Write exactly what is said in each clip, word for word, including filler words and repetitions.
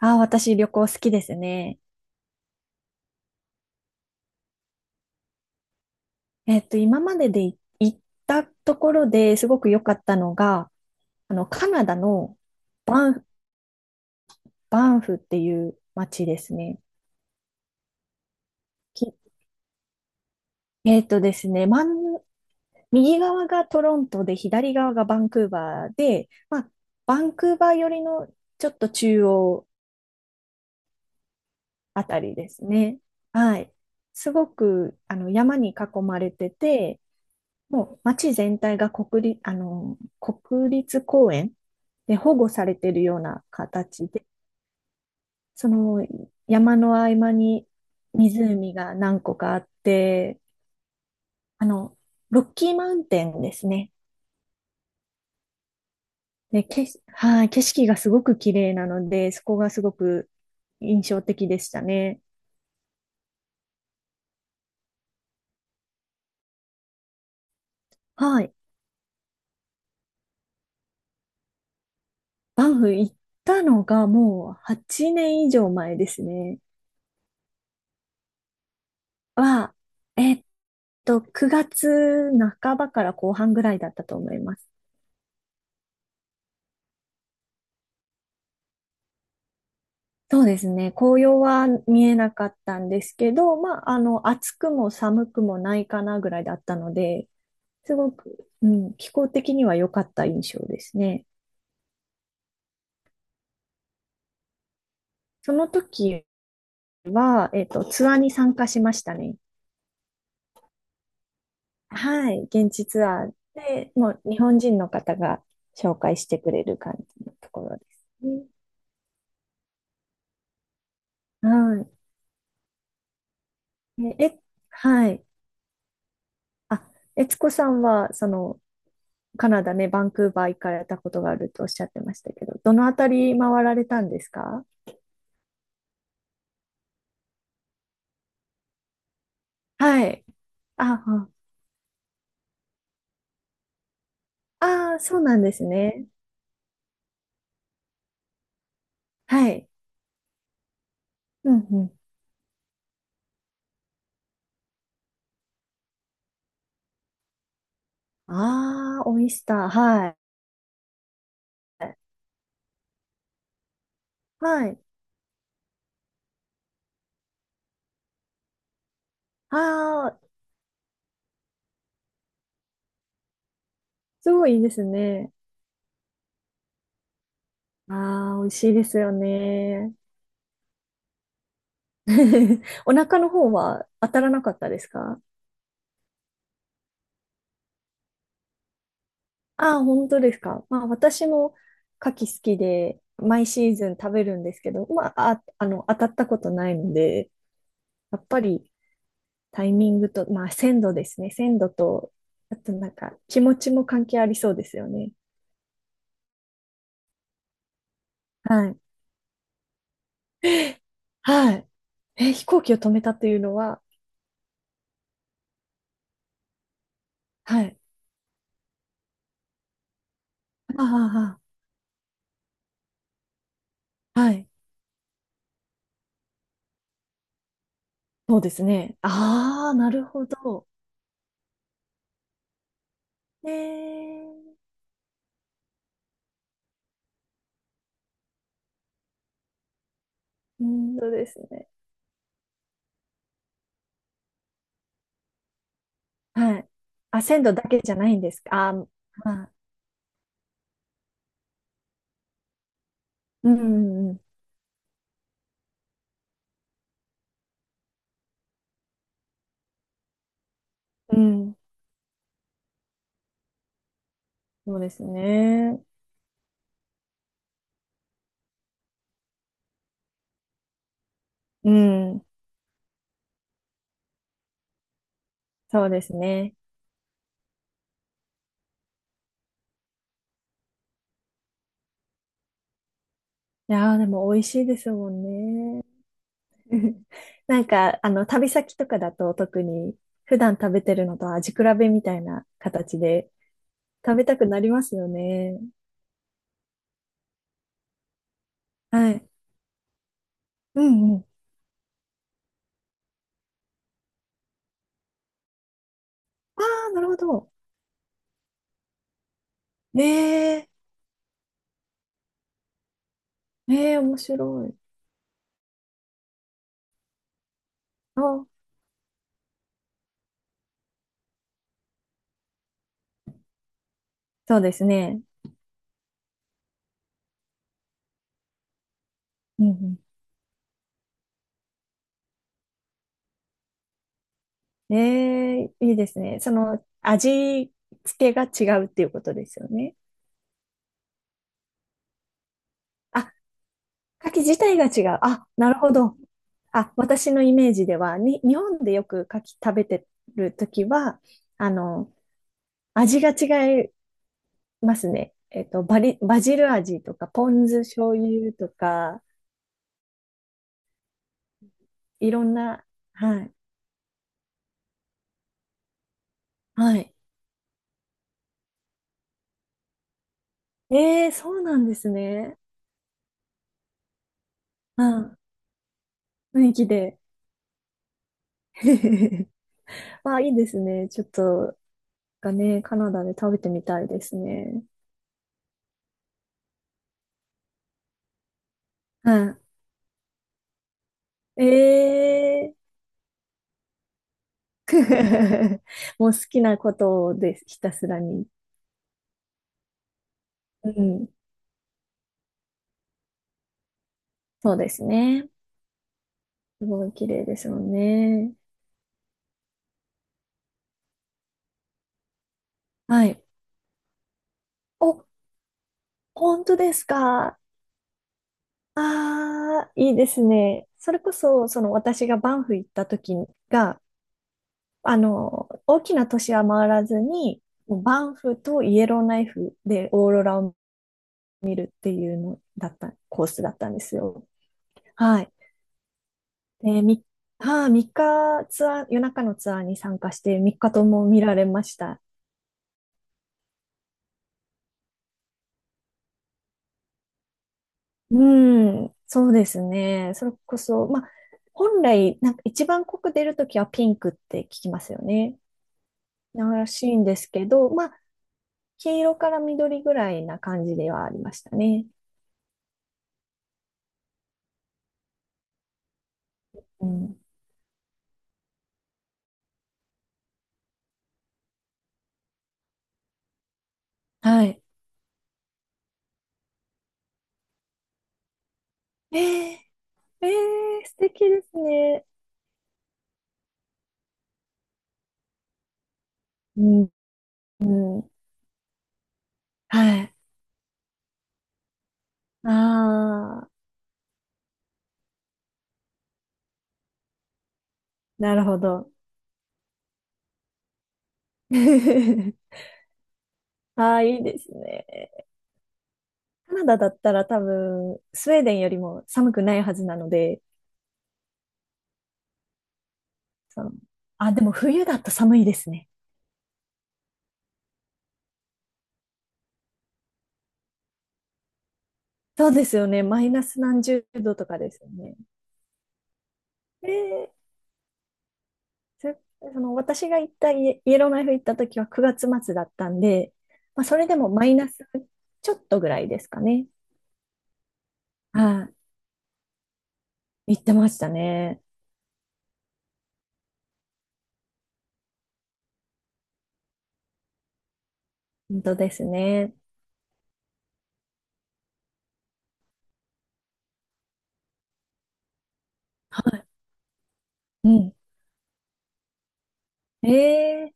ああ、私旅行好きですね。えっと、今まででい行ったところですごく良かったのが、あの、カナダのバンフ、バンフっていう街ですね。きえっとですね、真ん、右側がトロントで、左側がバンクーバーで、まあ、バンクーバー寄りのちょっと中央あたりですね。はい。すごく、あの、山に囲まれてて、もう街全体が国立、あの、国立公園で保護されているような形で、その山の合間に湖が何個かあって、あの、ロッキーマウンテンですね。で、けし、はい、景色がすごく綺麗なので、そこがすごく印象的でしたね。はい。バンフ行ったのがもうはちねん以上前ですね。は、えっと、くがつなかばから後半ぐらいだったと思います。そうですね。紅葉は見えなかったんですけど、まあ、あの、暑くも寒くもないかなぐらいだったので、すごく、うん、気候的には良かった印象ですね。その時は、えっと、ツアーに参加しましたね。はい。現地ツアーで、もう日本人の方が紹介してくれる感じのところですね。はい。え、えはい。あ、悦子さんは、その、カナダね、バンクーバー行かれたことがあるとおっしゃってましたけど、どのあたり回られたんですか？はい。ああ、ああ、そうなんですね。はい。うんうん。ああ、オイスター。はい。はい。ああ、すごいいいですね。ああ、美味しいですよね。お腹の方は当たらなかったですか？ああ、本当ですか。まあ、私も牡蠣好きで、毎シーズン食べるんですけど、まあ、あ、あの、当たったことないので、やっぱりタイミングと、まあ、鮮度ですね。鮮度と、あとなんか、気持ちも関係ありそうですよね。はい。はい。え、飛行機を止めたというのは？はい。ああ、ああはい。そうですね。ああ、なるほど。ええ、うん、そうですね。はい。あ、鮮度だけじゃないんですか。あー、まあ、うん、うん、うん。うん、そうですね。うん、そうですね。いやー、でも美味しいですもんね。 なんか、あの、旅先とかだと特に普段食べてるのと味比べみたいな形で食べたくなりますよね。はい。うんうん。ああ、なるほど。ええ、ええ、面白い。あ、そうですね。うんうん。ええ、いいですね。その、味付けが違うっていうことですよね。あ、牡蠣自体が違う。あ、なるほど。あ、私のイメージでは、に、日本でよく牡蠣食べてるときは、あの、味が違いますね。えっと、バリ、バジル味とか、ポン酢醤油とか、いろんな、はい。はい。えーそうなんですね。うん。雰囲気で。あ、いいですね。ちょっと、がね、カナダで食べてみたいですね。はい。えー もう好きなことです、ひたすらに。うん。そうですね。すごい綺麗ですよね。はい。お、本当ですか。ああ、いいですね。それこそ、その私がバンフ行った時が、あの、大きな都市は回らずに、バンフとイエローナイフでオーロラを見るっていうのだった、コースだったんですよ。はい。で、み、はみっかツアー、夜中のツアーに参加してみっかとも見られました。うん、そうですね。それこそ、まあ、本来、なんか一番濃く出るときはピンクって聞きますよね。らしいんですけど、まあ、黄色から緑ぐらいな感じではありましたね。うん。はい。えー、えー、素敵ですね。うん。うん。はい。ああ、なるほど。ああ、いいですね。カナダだったら多分、スウェーデンよりも寒くないはずなので、その、あ、でも冬だと寒いですね。そうですよね。マイナス何十度とかですよね。えーそその私が行ったイイエローナイフ行った時はくがつ末だったんで、まあ、それでもマイナスちょっとぐらいですかね。はい、行ってましたね。本当ですね。はい。うん。ええ、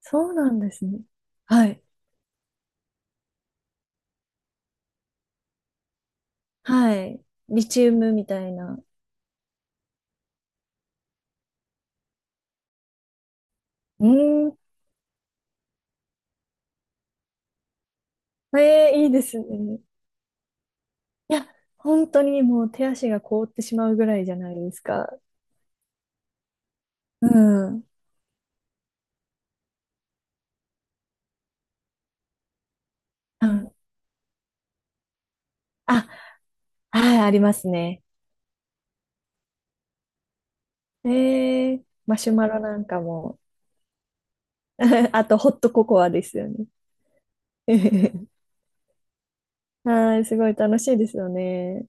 そうなんですね。はい。はい。リチウムみたいな。うーん。ええ、いいですね。いや、本当にもう手足が凍ってしまうぐらいじゃないですか。うん。うん。あ、はい、ありますね。ええ、マシュマロなんかも。あと、ホットココアですよね。はい、すごい楽しいですよね。